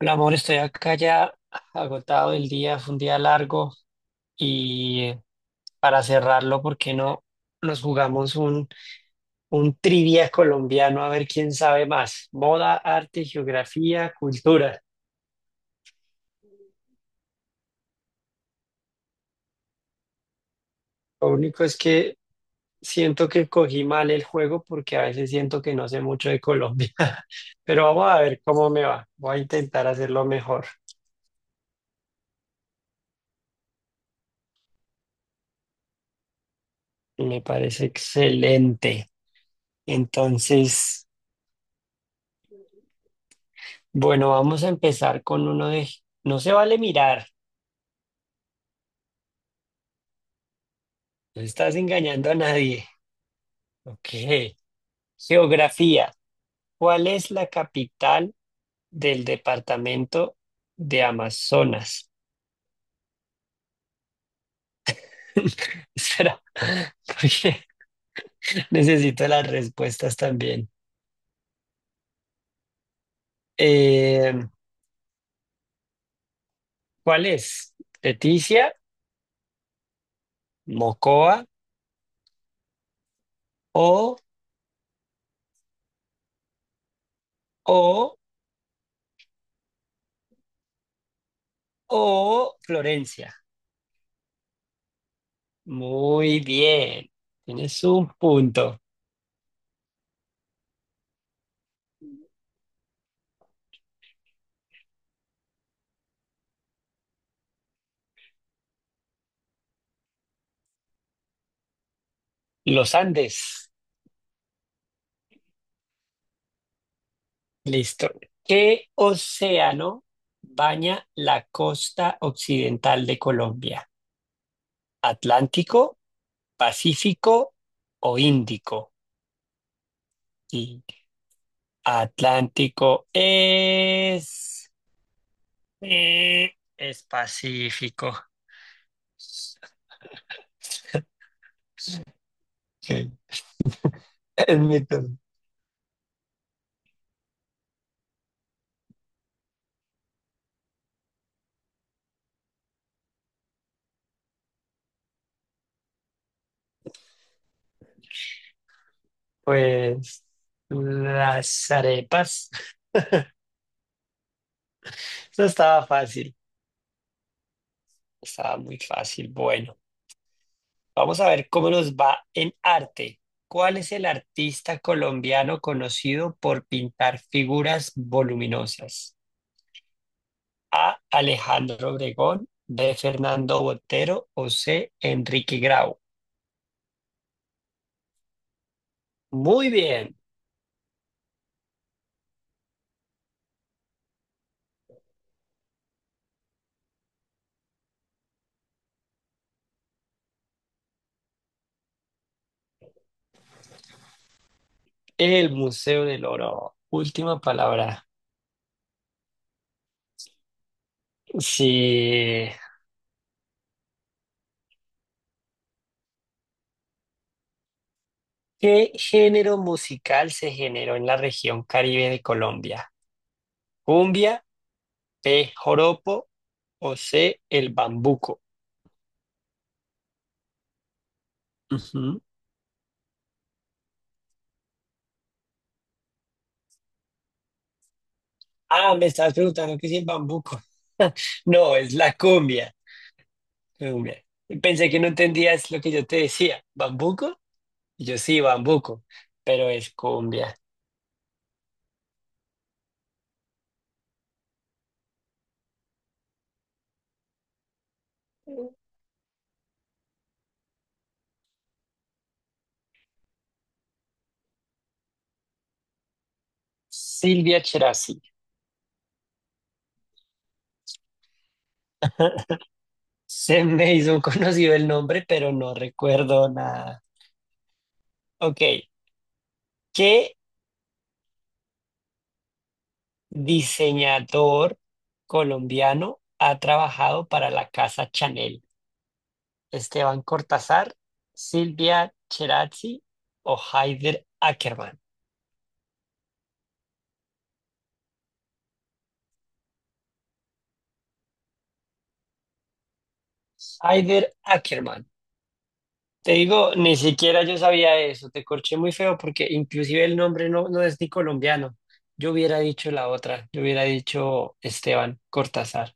Hola, amor, estoy acá ya agotado del día, fue un día largo y eh, para cerrarlo, ¿por qué no nos jugamos un trivia colombiano a ver quién sabe más? Moda, arte, geografía, cultura. Lo único es que siento que cogí mal el juego porque a veces siento que no sé mucho de Colombia, pero vamos a ver cómo me va. Voy a intentar hacerlo mejor. Me parece excelente. Entonces... Bueno, vamos a empezar con uno de... No se vale mirar, no estás engañando a nadie. Ok. Geografía. ¿Cuál es la capital del departamento de Amazonas? Espera, porque necesito las respuestas también. Eh, ¿Cuál es? ¿Leticia, Mocoa o, o, o Florencia? Muy bien. Tienes un punto. Los Andes. Listo. ¿Qué océano baña la costa occidental de Colombia? ¿Atlántico, Pacífico o Índico? Y Atlántico es Pacífico. Ok, es mi turno. Pues las arepas. Eso estaba fácil. Estaba muy fácil. Bueno. Vamos a ver cómo nos va en arte. ¿Cuál es el artista colombiano conocido por pintar figuras voluminosas? A. Alejandro Obregón, B. Fernando Botero o C. Enrique Grau. Muy bien, el Museo del Oro. Última palabra. Sí. ¿Qué género musical se generó en la región Caribe de Colombia? ¿Cumbia, B. Joropo o C. El Bambuco? Ujú. Ah, me estabas preguntando qué es el bambuco. No, es la cumbia, cumbia. Pensé que no entendías lo que yo te decía. ¿Bambuco? Y yo sí, bambuco, pero es cumbia. Silvia Cherasi. Se me hizo conocido el nombre, pero no recuerdo nada. Ok, ¿qué diseñador colombiano ha trabajado para la casa Chanel? ¿Esteban Cortázar, Silvia Cherasi o Haider Ackermann? Aider Ackerman. Te digo, ni siquiera yo sabía eso. Te corché muy feo porque inclusive el nombre no es ni colombiano. Yo hubiera dicho la otra. Yo hubiera dicho Esteban Cortázar.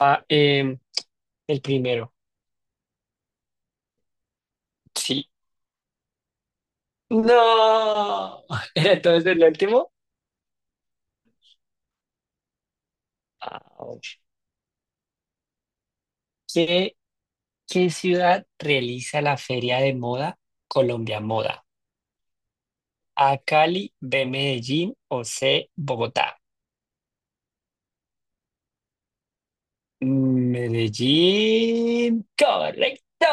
Ah, em, el primero. Sí. No. ¿Era entonces el último? Ouch. ¿Qué, ¿qué ciudad realiza la feria de moda Colombia Moda? ¿A Cali, B Medellín o C Bogotá? Medellín, correcto.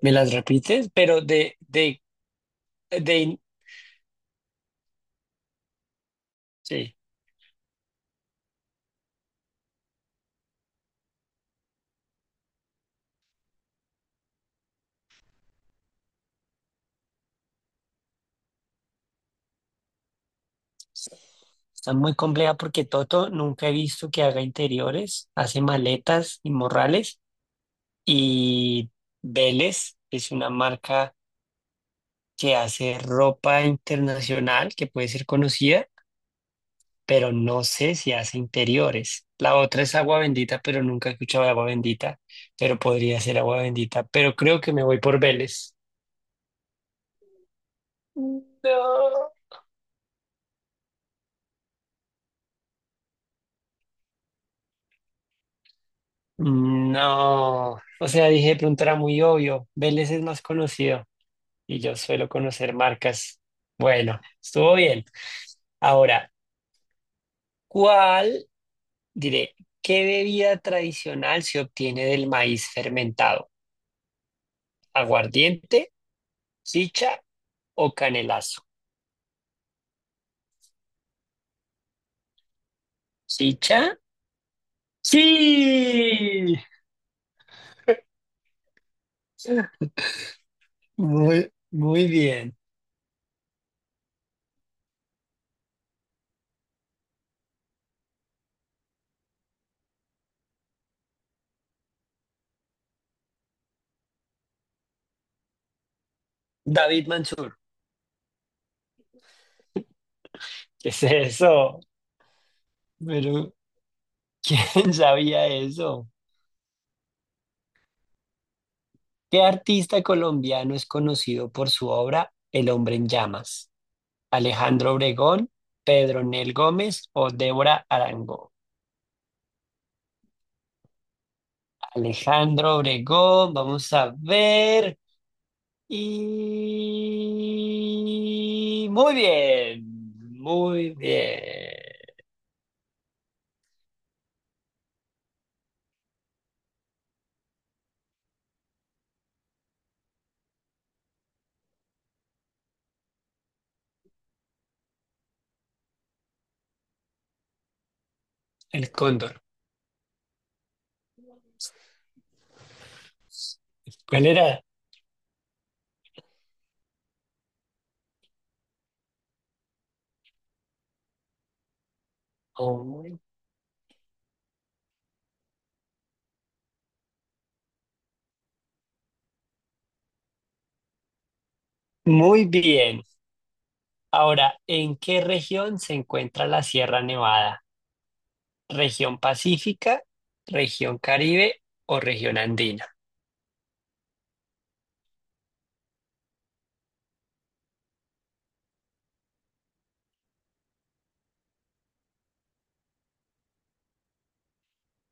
¿Me las repites? Pero de, sí, está muy compleja porque Toto nunca he visto que haga interiores, hace maletas y morrales y Vélez es una marca que hace ropa internacional que puede ser conocida, pero no sé si hace interiores. La otra es agua bendita, pero nunca he escuchado de agua bendita, pero podría ser agua bendita, pero creo que me voy por Vélez. No. No, o sea, dije, de pronto era muy obvio, Vélez es más conocido y yo suelo conocer marcas. Bueno, estuvo bien. Ahora, ¿cuál, diré, ¿qué bebida tradicional se obtiene del maíz fermentado? ¿Aguardiente, chicha o canelazo? Chicha. Sí, muy bien. David Mansur, ¿qué es eso? Pero, ¿quién sabía eso? ¿Qué artista colombiano es conocido por su obra El hombre en llamas? ¿Alejandro Obregón, Pedro Nel Gómez o Débora Arango? Alejandro Obregón, vamos a ver. Y muy bien, muy bien. El cóndor. ¿Cuál era? Oh, muy bien. Ahora, ¿en qué región se encuentra la Sierra Nevada? ¿Región Pacífica, región Caribe o región Andina?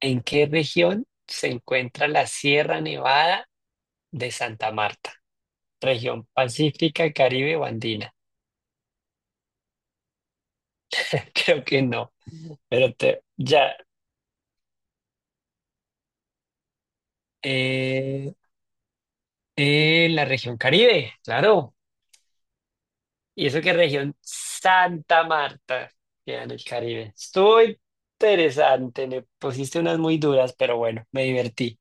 ¿En qué región se encuentra la Sierra Nevada de Santa Marta? ¿Región Pacífica, Caribe o Andina? Creo que no, pero te- ya. eh, la región Caribe, claro. Y eso que región Santa Marta queda en el Caribe. Estuvo interesante, me pusiste unas muy duras, pero bueno, me divertí.